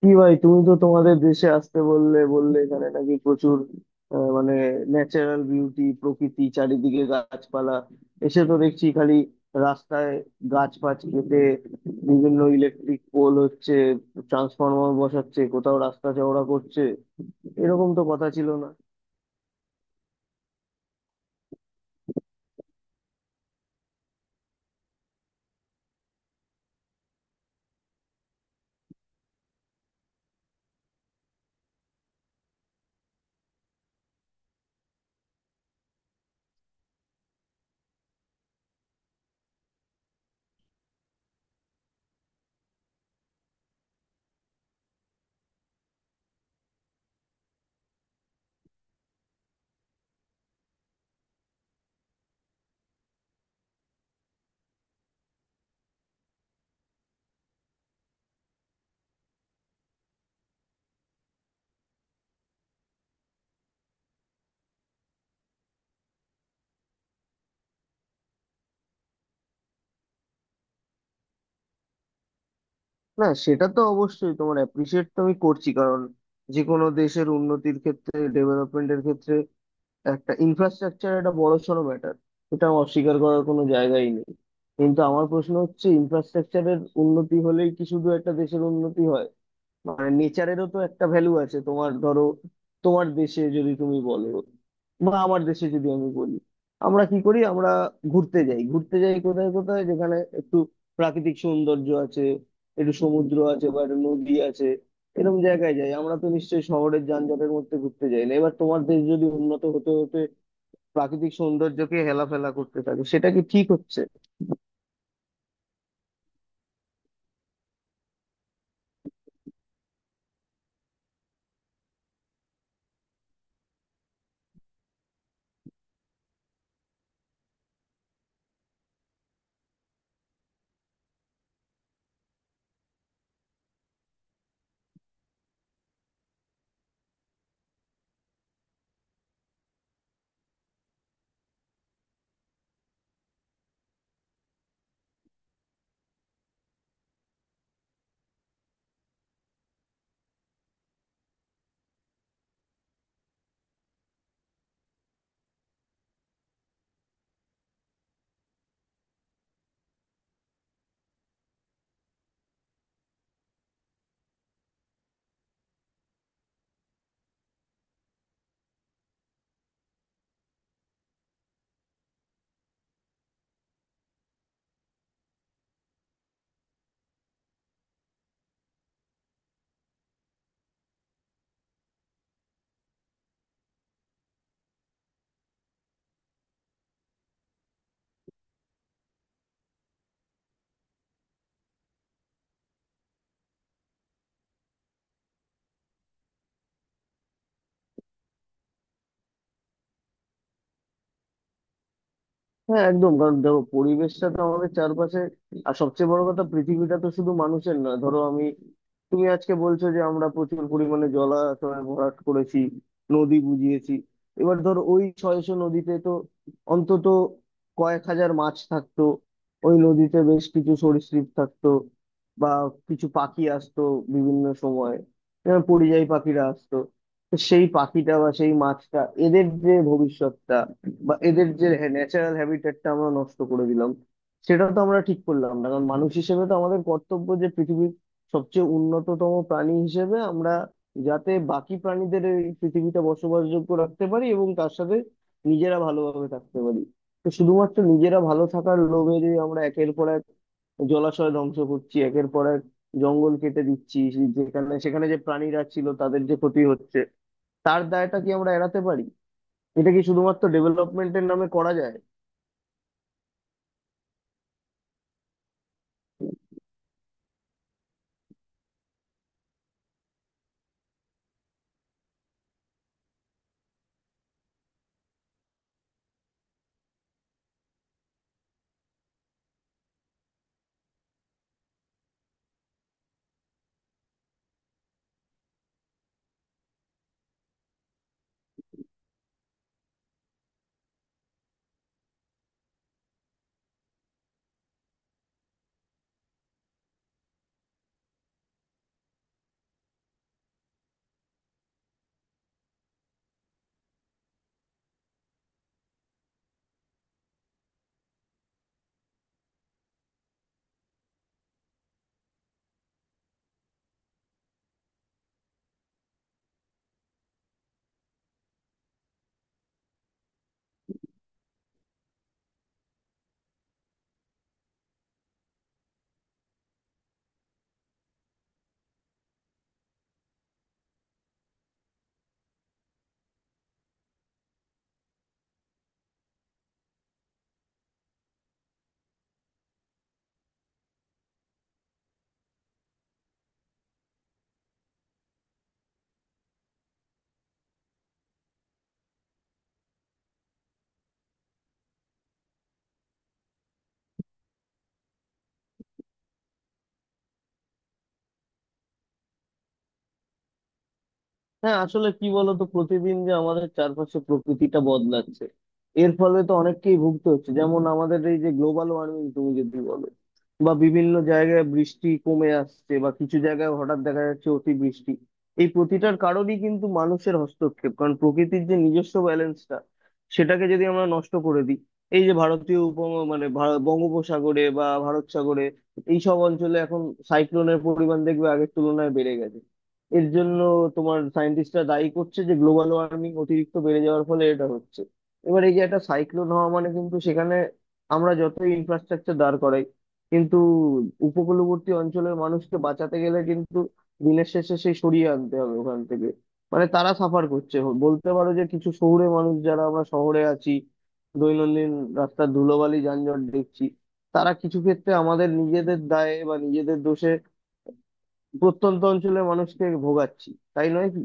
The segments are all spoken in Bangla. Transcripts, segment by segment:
কি ভাই? তুমি তো তোমাদের দেশে আসতে বললে বললে এখানে নাকি প্রচুর মানে ন্যাচারাল বিউটি, প্রকৃতি, চারিদিকে গাছপালা। এসে তো দেখছি খালি রাস্তায় গাছ ফাছ কেটে বিভিন্ন ইলেকট্রিক পোল হচ্ছে, ট্রান্সফরমার বসাচ্ছে, কোথাও রাস্তা চওড়া করছে। এরকম তো কথা ছিল না। না, সেটা তো অবশ্যই। তোমার অ্যাপ্রিসিয়েট তো আমি করছি, কারণ যে কোনো দেশের উন্নতির ক্ষেত্রে, ডেভেলপমেন্টের ক্ষেত্রে একটা ইনফ্রাস্ট্রাকচার একটা বড়সড় ম্যাটার। এটা অস্বীকার করার কোনো জায়গাই নেই। কিন্তু আমার প্রশ্ন হচ্ছে, ইনফ্রাস্ট্রাকচারের উন্নতি হলেই কি শুধু একটা দেশের উন্নতি হয়? মানে নেচারেরও তো একটা ভ্যালু আছে। তোমার ধরো, তোমার দেশে যদি তুমি বলো বা আমার দেশে যদি আমি বলি, আমরা কি করি? আমরা ঘুরতে যাই, ঘুরতে যাই কোথায়? কোথায় যেখানে একটু প্রাকৃতিক সৌন্দর্য আছে, একটু সমুদ্র আছে বা একটা নদী আছে, এরকম জায়গায় যাই। আমরা তো নিশ্চয়ই শহরের যানজটের মধ্যে ঘুরতে যাই না। এবার তোমার দেশ যদি উন্নত হতে হতে প্রাকৃতিক সৌন্দর্যকে হেলাফেলা করতে থাকে, সেটা কি ঠিক হচ্ছে? হ্যাঁ, একদম। কারণ দেখো, পরিবেশটা তো আমাদের চারপাশে, আর সবচেয়ে বড় কথা পৃথিবীটা তো শুধু মানুষের না। ধরো, আমি তুমি আজকে বলছো যে আমরা প্রচুর পরিমাণে জলাশয় ভরাট করেছি, নদী বুঝিয়েছি। এবার ধরো, ওই 600 নদীতে তো অন্তত কয়েক হাজার মাছ থাকতো, ওই নদীতে বেশ কিছু সরীসৃপ থাকতো, বা কিছু পাখি আসতো বিভিন্ন সময়, যেমন পরিযায়ী পাখিরা আসতো। তো সেই পাখিটা বা সেই মাছটা, এদের যে ভবিষ্যৎটা বা এদের যে ন্যাচারাল হ্যাবিটেটটা আমরা নষ্ট করে দিলাম, সেটা তো আমরা ঠিক করলাম না। কারণ মানুষ হিসেবে তো আমাদের কর্তব্য যে পৃথিবীর সবচেয়ে উন্নততম প্রাণী হিসেবে আমরা যাতে বাকি প্রাণীদের এই পৃথিবীটা বসবাসযোগ্য রাখতে পারি এবং তার সাথে নিজেরা ভালোভাবে থাকতে পারি। তো শুধুমাত্র নিজেরা ভালো থাকার লোভে যদি আমরা একের পর এক জলাশয় ধ্বংস করছি, একের পর এক জঙ্গল কেটে দিচ্ছি, যেখানে সেখানে যে প্রাণীরা ছিল তাদের যে ক্ষতি হচ্ছে, তার দায়টা কি আমরা এড়াতে পারি? এটা কি শুধুমাত্র ডেভেলপমেন্টের নামে করা যায়? হ্যাঁ, আসলে কি বলতো, প্রতিদিন যে আমাদের চারপাশে প্রকৃতিটা বদলাচ্ছে, এর ফলে তো অনেককেই ভুগতে হচ্ছে। যেমন আমাদের এই যে গ্লোবাল ওয়ার্মিং তুমি যদি বলো, বা বিভিন্ন জায়গায় বৃষ্টি কমে আসছে, বা কিছু জায়গায় হঠাৎ দেখা যাচ্ছে অতিবৃষ্টি, এই প্রতিটার কারণই কিন্তু মানুষের হস্তক্ষেপ। কারণ প্রকৃতির যে নিজস্ব ব্যালেন্সটা সেটাকে যদি আমরা নষ্ট করে দিই। এই যে ভারতীয় উপম মানে বঙ্গোপসাগরে বা ভারত সাগরে এইসব অঞ্চলে এখন সাইক্লোনের পরিমাণ দেখবে আগের তুলনায় বেড়ে গেছে। এর জন্য তোমার সায়েন্টিস্টরা দায়ী করছে যে গ্লোবাল ওয়ার্মিং অতিরিক্ত বেড়ে যাওয়ার ফলে এটা হচ্ছে। এবার এই যে একটা সাইক্লোন হওয়া মানে কিন্তু সেখানে আমরা যত ইনফ্রাস্ট্রাকচার দাঁড় করাই, কিন্তু উপকূলবর্তী অঞ্চলের মানুষকে বাঁচাতে গেলে কিন্তু দিনের শেষে সেই সরিয়ে আনতে হবে ওখান থেকে, মানে তারা সাফার করছে। বলতে পারো যে কিছু শহুরে মানুষ, যারা আমরা শহরে আছি, দৈনন্দিন রাস্তার ধুলোবালি যানজট দেখছি, তারা কিছু ক্ষেত্রে আমাদের নিজেদের দায়ে বা নিজেদের দোষে প্রত্যন্ত অঞ্চলের মানুষকে ভোগাচ্ছি। তাই নয় কি?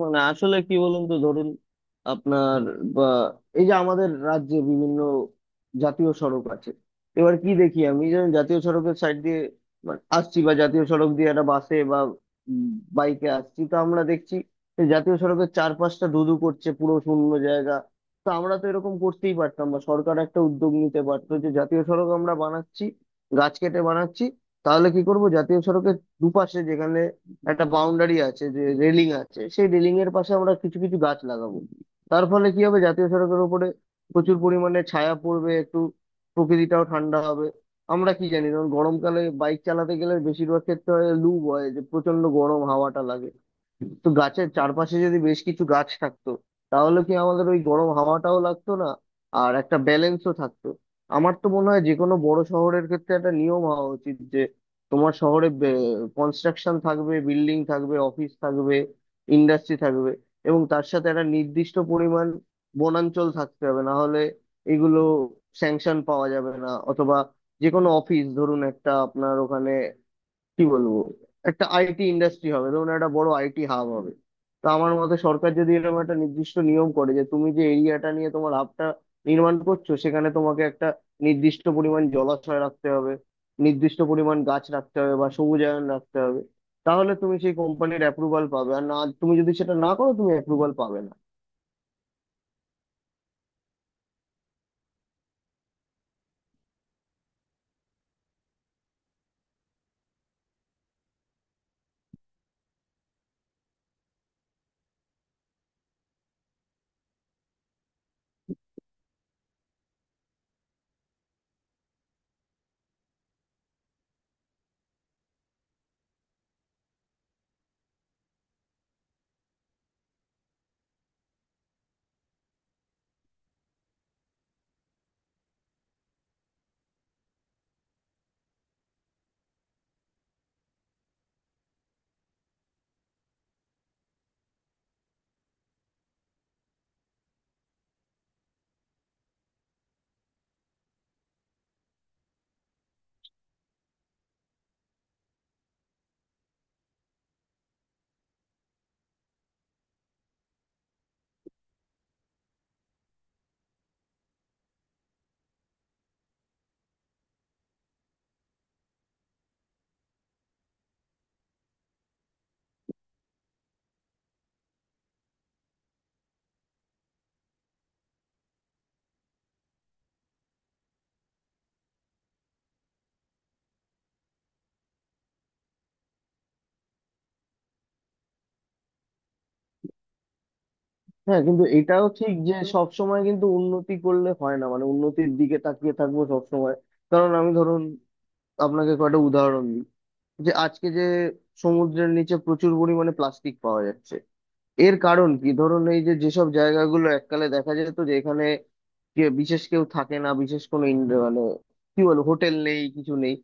মানে আসলে কি বলুন তো, ধরুন আপনার, বা এই যে আমাদের রাজ্যে বিভিন্ন জাতীয় সড়ক আছে। এবার কি দেখি, আমি যেমন জাতীয় সড়কের সাইড দিয়ে মানে আসছি, বা জাতীয় সড়ক দিয়ে একটা বাসে বা বাইকে আসছি, তো আমরা দেখছি যে জাতীয় সড়কের চারপাশটা ধুধু করছে, পুরো শূন্য জায়গা। তো আমরা তো এরকম করতেই পারতাম, বা সরকার একটা উদ্যোগ নিতে পারতো, যে জাতীয় সড়ক আমরা বানাচ্ছি গাছ কেটে বানাচ্ছি, তাহলে কি করব, জাতীয় সড়কের দুপাশে যেখানে একটা বাউন্ডারি আছে যে রেলিং আছে, সেই রেলিং এর পাশে আমরা কিছু কিছু গাছ লাগাবো। তার ফলে কি হবে, জাতীয় সড়কের উপরে প্রচুর পরিমাণে ছায়া পড়বে, একটু প্রকৃতিটাও ঠান্ডা হবে। আমরা কি জানি, ধরুন গরমকালে বাইক চালাতে গেলে বেশিরভাগ ক্ষেত্রে হয় লু বয়, যে প্রচন্ড গরম হাওয়াটা লাগে। তো গাছের চারপাশে যদি বেশ কিছু গাছ থাকতো, তাহলে কি আমাদের ওই গরম হাওয়াটাও লাগতো না, আর একটা ব্যালেন্সও থাকতো। আমার তো মনে হয় যে কোনো বড় শহরের ক্ষেত্রে একটা নিয়ম হওয়া উচিত, যে তোমার শহরে কনস্ট্রাকশন থাকবে, বিল্ডিং থাকবে, অফিস থাকবে, ইন্ডাস্ট্রি থাকবে, এবং তার সাথে একটা নির্দিষ্ট পরিমাণ বনাঞ্চল থাকতে হবে, না হলে এগুলো স্যাংশন পাওয়া যাবে না। অথবা যে কোনো অফিস, ধরুন একটা আপনার ওখানে, কি বলবো, একটা আইটি ইন্ডাস্ট্রি হবে, ধরুন একটা বড় আইটি হাব হবে, তো আমার মতে সরকার যদি এরকম একটা নির্দিষ্ট নিয়ম করে যে তুমি যে এরিয়াটা নিয়ে তোমার হাবটা নির্মাণ করছো, সেখানে তোমাকে একটা নির্দিষ্ট পরিমাণ জলাশয় রাখতে হবে, নির্দিষ্ট পরিমাণ গাছ রাখতে হবে বা সবুজায়ন রাখতে হবে, তাহলে তুমি সেই কোম্পানির অ্যাপ্রুভাল পাবে, আর না, তুমি যদি সেটা না করো তুমি অ্যাপ্রুভাল পাবে না। হ্যাঁ, কিন্তু এটাও ঠিক যে সব সময় কিন্তু উন্নতি করলে হয় না, মানে উন্নতির দিকে তাকিয়ে থাকবো সব সময়। কারণ আমি, ধরুন আপনাকে কয়টা উদাহরণ দিই। যে আজকে যে সমুদ্রের নিচে প্রচুর পরিমাণে প্লাস্টিক পাওয়া যাচ্ছে, এর কারণ কি? ধরুন এই যে যেসব জায়গাগুলো এককালে দেখা যেত যে এখানে কে বিশেষ কেউ থাকে না, বিশেষ কোনো মানে কি বলবো, হোটেল নেই, কিছু নেই,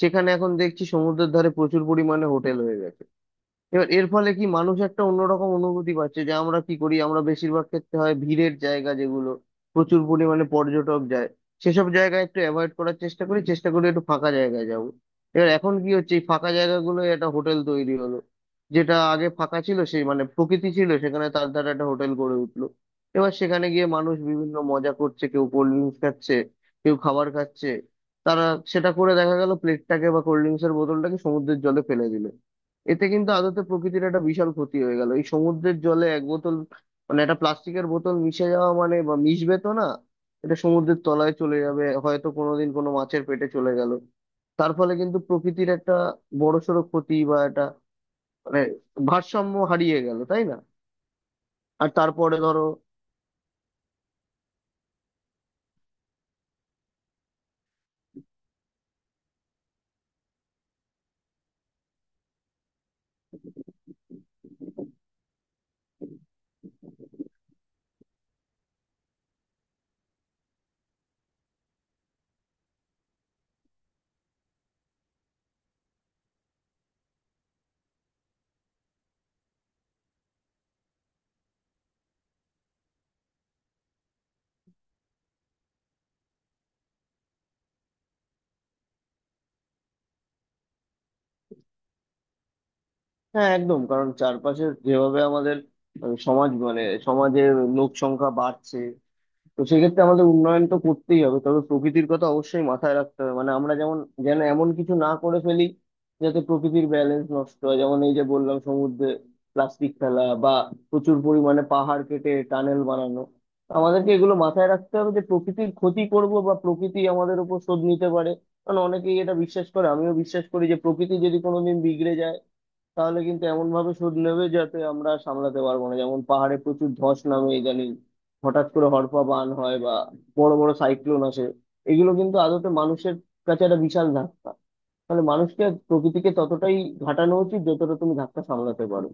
সেখানে এখন দেখছি সমুদ্রের ধারে প্রচুর পরিমাণে হোটেল হয়ে গেছে। এবার এর ফলে কি, মানুষ একটা অন্যরকম অনুভূতি পাচ্ছে, যে আমরা কি করি, আমরা বেশিরভাগ ক্ষেত্রে হয় ভিড়ের জায়গা যেগুলো প্রচুর পরিমাণে পর্যটক যায় সেসব জায়গায় একটু অ্যাভয়েড করার চেষ্টা করি, চেষ্টা করি একটু ফাঁকা জায়গায় যাব। এবার এখন কি হচ্ছে, এই ফাঁকা জায়গাগুলো একটা হোটেল তৈরি হলো, যেটা আগে ফাঁকা ছিল, সেই মানে প্রকৃতি ছিল সেখানে, তার দ্বারা একটা হোটেল গড়ে উঠলো। এবার সেখানে গিয়ে মানুষ বিভিন্ন মজা করছে, কেউ কোল্ড ড্রিঙ্কস খাচ্ছে, কেউ খাবার খাচ্ছে, তারা সেটা করে দেখা গেল প্লেটটাকে বা কোল্ড ড্রিঙ্কস এর বোতলটাকে সমুদ্রের জলে ফেলে দিল। এতে কিন্তু আদতে প্রকৃতির একটা বিশাল ক্ষতি হয়ে গেল। এই সমুদ্রের জলে এক বোতল মানে একটা প্লাস্টিকের বোতল মিশে যাওয়া, মানে বা মিশবে তো না, এটা সমুদ্রের তলায় চলে যাবে, হয়তো কোনোদিন কোনো মাছের পেটে চলে গেল, তার ফলে কিন্তু প্রকৃতির একটা বড়সড় ক্ষতি বা একটা মানে ভারসাম্য হারিয়ে গেল, তাই না? আর তারপরে ধরো, হ্যাঁ, একদম। কারণ চারপাশে যেভাবে আমাদের মানে সমাজ, মানে সমাজের লোক সংখ্যা বাড়ছে, তো সেক্ষেত্রে আমাদের উন্নয়ন তো করতেই হবে, তবে প্রকৃতির কথা অবশ্যই মাথায় রাখতে হবে। মানে আমরা যেমন যেন এমন কিছু না করে ফেলি যাতে প্রকৃতির ব্যালেন্স নষ্ট হয়, যেমন এই যে বললাম, সমুদ্রে প্লাস্টিক ফেলা বা প্রচুর পরিমাণে পাহাড় কেটে টানেল বানানো। তো আমাদেরকে এগুলো মাথায় রাখতে হবে যে প্রকৃতির ক্ষতি করব বা প্রকৃতি আমাদের উপর শোধ নিতে পারে। কারণ অনেকেই এটা বিশ্বাস করে, আমিও বিশ্বাস করি যে প্রকৃতি যদি কোনোদিন বিগড়ে যায়, তাহলে কিন্তু এমন ভাবে শোধ নেবে যাতে আমরা সামলাতে পারবো না। যেমন পাহাড়ে প্রচুর ধস নামে ইদানিং, হঠাৎ করে হড়পা বান হয়, বা বড় বড় সাইক্লোন আসে, এগুলো কিন্তু আদতে মানুষের কাছে একটা বিশাল ধাক্কা। তাহলে মানুষকে প্রকৃতিকে ততটাই ঘাটানো উচিত যতটা তুমি ধাক্কা সামলাতে পারো।